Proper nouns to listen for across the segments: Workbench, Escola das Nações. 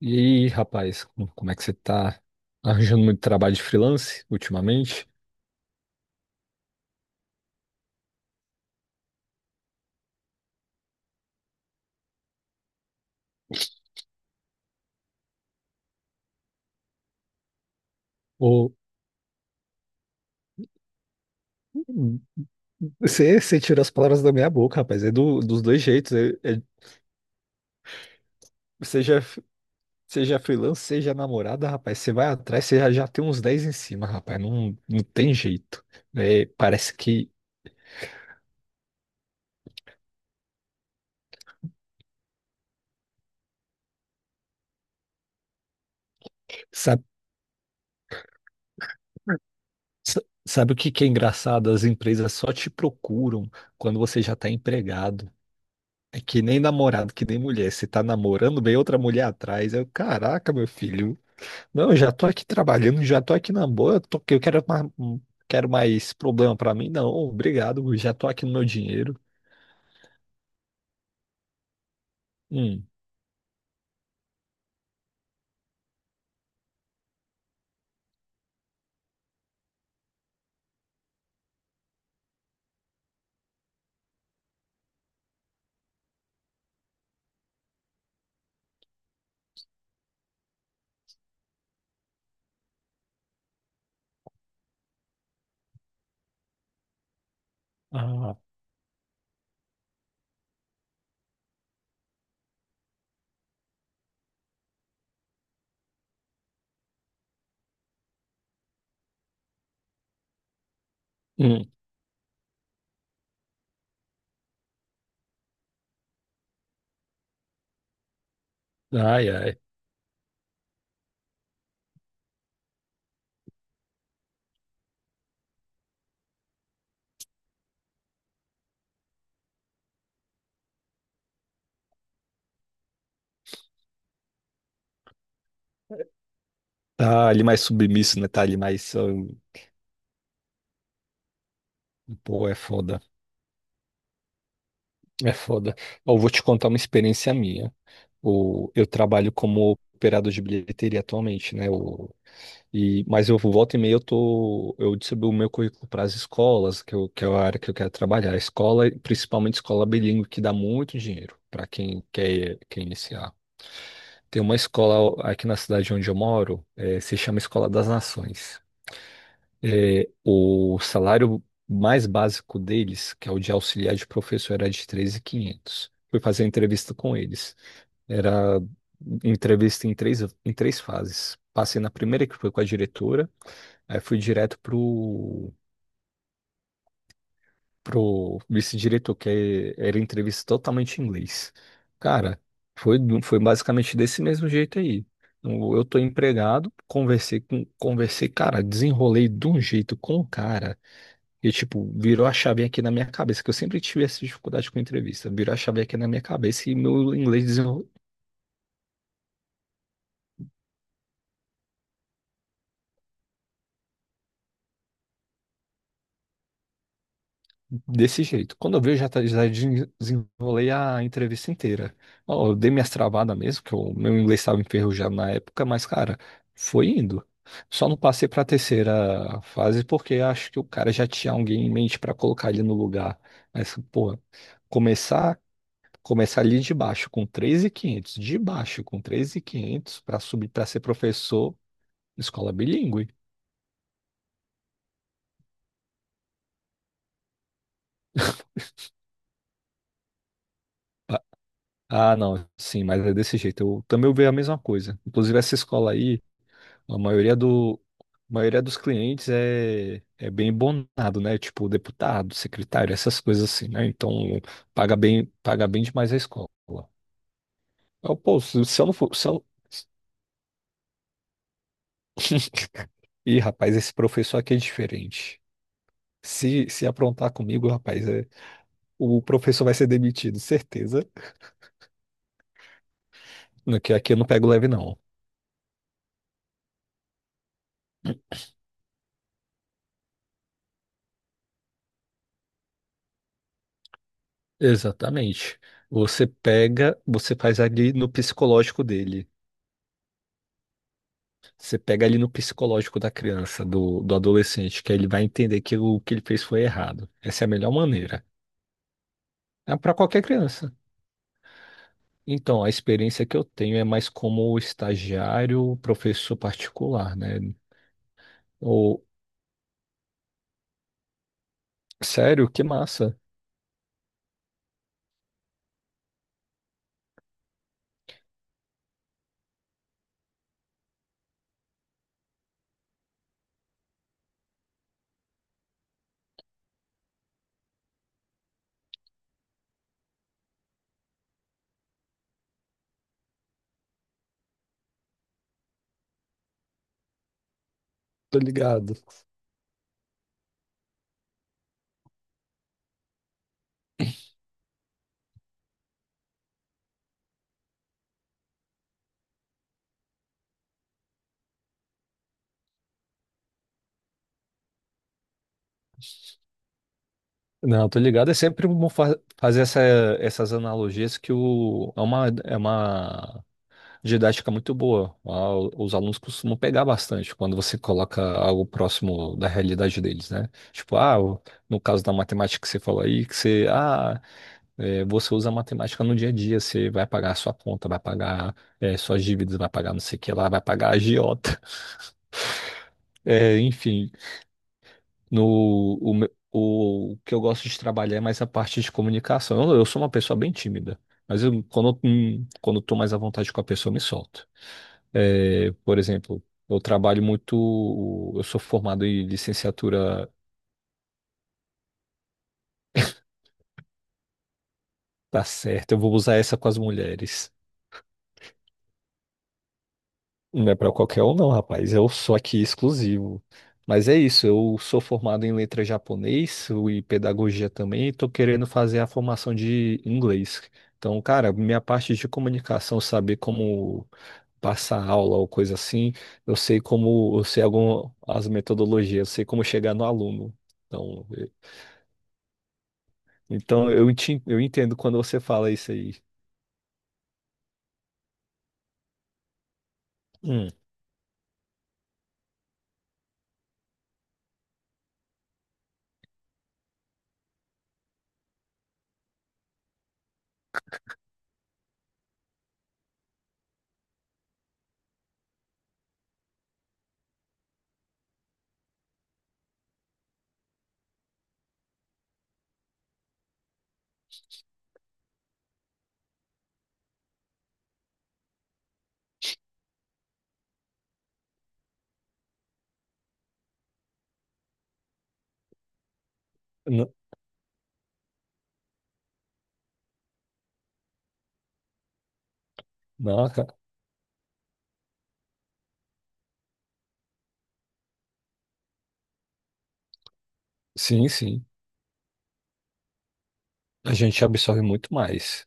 E aí, rapaz, como é que você tá arranjando muito trabalho de freelance ultimamente? Ou você tirou as palavras da minha boca, rapaz. É dos dois jeitos. Seja, seja freelance, seja namorada, rapaz. Você vai atrás, você já tem uns 10 em cima, rapaz. Não, não tem jeito. É, parece que. Sabe, sa- sabe o que que é engraçado? As empresas só te procuram quando você já tá empregado. É que nem namorado, que nem mulher. Você tá namorando, vem outra mulher atrás. Eu, caraca, meu filho. Não, eu já tô aqui trabalhando, já tô aqui na boa, eu quero mais problema pra mim? Não, obrigado, já tô aqui no meu dinheiro. Hum. Ah. Hum. Ai, ai. Tá ali mais submisso, né? Tá ali mais. Pô, é foda, é foda. Ó, eu vou te contar uma experiência minha. O, eu trabalho como operador de bilheteria atualmente, né? E, mas eu volta e meia eu distribuo o meu currículo para as escolas, que é a área que eu quero trabalhar. Escola, principalmente escola bilíngue, que dá muito dinheiro para quem quer iniciar. Tem uma escola aqui na cidade onde eu moro, se chama Escola das Nações. O salário mais básico deles, que é o de auxiliar de professor, era de 3.500. Fui fazer entrevista com eles. Era entrevista em três fases. Passei na primeira, que foi com a diretora. Aí fui direto pro vice-diretor, que era entrevista totalmente em inglês. Cara, foi basicamente desse mesmo jeito aí. Eu tô empregado, conversei, cara, desenrolei de um jeito com o cara. E, tipo, virou a chave aqui na minha cabeça, que eu sempre tive essa dificuldade com entrevista. Virou a chave aqui na minha cabeça e meu inglês desenrolou. Desse jeito. Quando eu vejo, já desenrolei a entrevista inteira. Ó, eu dei minhas travadas mesmo, que o meu inglês estava enferrujado na época, mas, cara, foi indo. Só não passei para a terceira fase porque acho que o cara já tinha alguém em mente para colocar ele no lugar. Mas, pô, começar, começar ali de baixo com 3.500, de baixo com 3.500 para subir para ser professor, escola bilíngue. Ah, ah, não, sim, mas é desse jeito. Eu também ouvi a mesma coisa. Inclusive, essa escola aí. A maioria do, a maioria dos clientes é bem bonado, né? Tipo deputado, secretário, essas coisas assim, né? Então paga bem demais a escola. Eu, pô, se eu não for, se eu... Ih, rapaz, esse professor aqui é diferente. Se aprontar comigo, rapaz, o professor vai ser demitido, certeza. No que aqui eu não pego leve, não. Exatamente. Você pega, você faz ali no psicológico dele. Você pega ali no psicológico da criança, do adolescente, que ele vai entender que o que ele fez foi errado. Essa é a melhor maneira. É para qualquer criança. Então, a experiência que eu tenho é mais como estagiário, professor particular, né? Ou, sério, que massa. Tô ligado. Não, tô ligado. É sempre bom fazer essas analogias é uma didática muito boa. Ah, os alunos costumam pegar bastante quando você coloca algo próximo da realidade deles, né? Tipo, no caso da matemática que você falou aí, que você usa a matemática no dia a dia, você vai pagar a sua conta, suas dívidas, vai pagar não sei o que lá, vai pagar a agiota. Enfim, no, o, me- o que eu gosto de trabalhar é mais a parte de comunicação. Eu sou uma pessoa bem tímida, mas quando eu tô mais à vontade com a pessoa, eu me solto. É, por exemplo, eu trabalho muito. Eu sou formado em licenciatura tá certa. Eu vou usar essa com as mulheres. Não é para qualquer um, não, rapaz. Eu sou aqui exclusivo. Mas é isso. Eu sou formado em letra japonês e pedagogia também. E tô querendo fazer a formação de inglês. Então, cara, minha parte de comunicação, saber como passar aula ou coisa assim, eu sei como, eu sei algumas metodologias, eu sei como chegar no aluno. Então, então eu entendo quando você fala isso aí. Hum. N- Não, cara. Sim, sim. A gente absorve muito mais.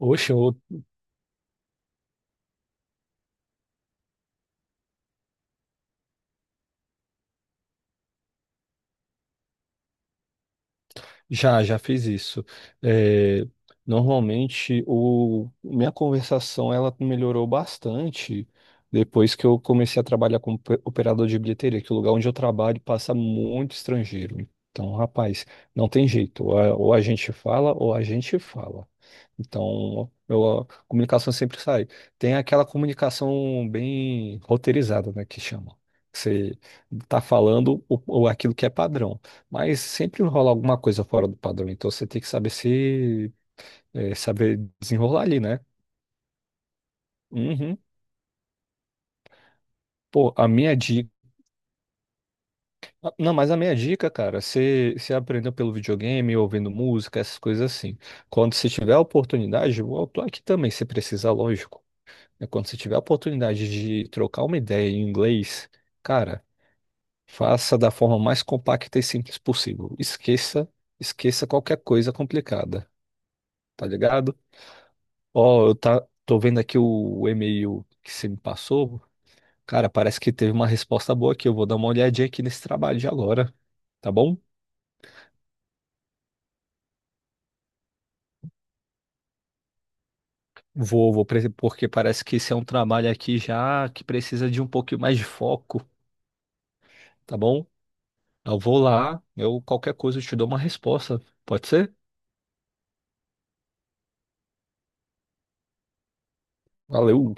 Oxe, eu já, já fiz isso. É, normalmente, minha conversação ela melhorou bastante depois que eu comecei a trabalhar como operador de bilheteria, que o lugar onde eu trabalho passa muito estrangeiro. Então, rapaz, não tem jeito. Ou a gente fala, ou a gente fala. Então, a comunicação sempre sai. Tem aquela comunicação bem roteirizada, né, que chama. Você tá falando o aquilo que é padrão. Mas sempre rola alguma coisa fora do padrão, então você tem que saber se é, saber desenrolar ali, né? Uhum. Pô, a minha dica. Não, mas a minha dica, cara, você aprendeu pelo videogame, ouvindo música, essas coisas assim. Quando você tiver a oportunidade, eu tô aqui também, se precisar, lógico. É quando você tiver a oportunidade de trocar uma ideia em inglês, cara, faça da forma mais compacta e simples possível. Esqueça, esqueça qualquer coisa complicada, tá ligado? Ó, tô vendo aqui o e-mail que você me passou. Cara, parece que teve uma resposta boa aqui. Eu vou dar uma olhadinha aqui nesse trabalho de agora, tá bom? Vou, porque parece que esse é um trabalho aqui já que precisa de um pouquinho mais de foco, tá bom? Eu vou lá, eu qualquer coisa eu te dou uma resposta. Pode ser? Valeu.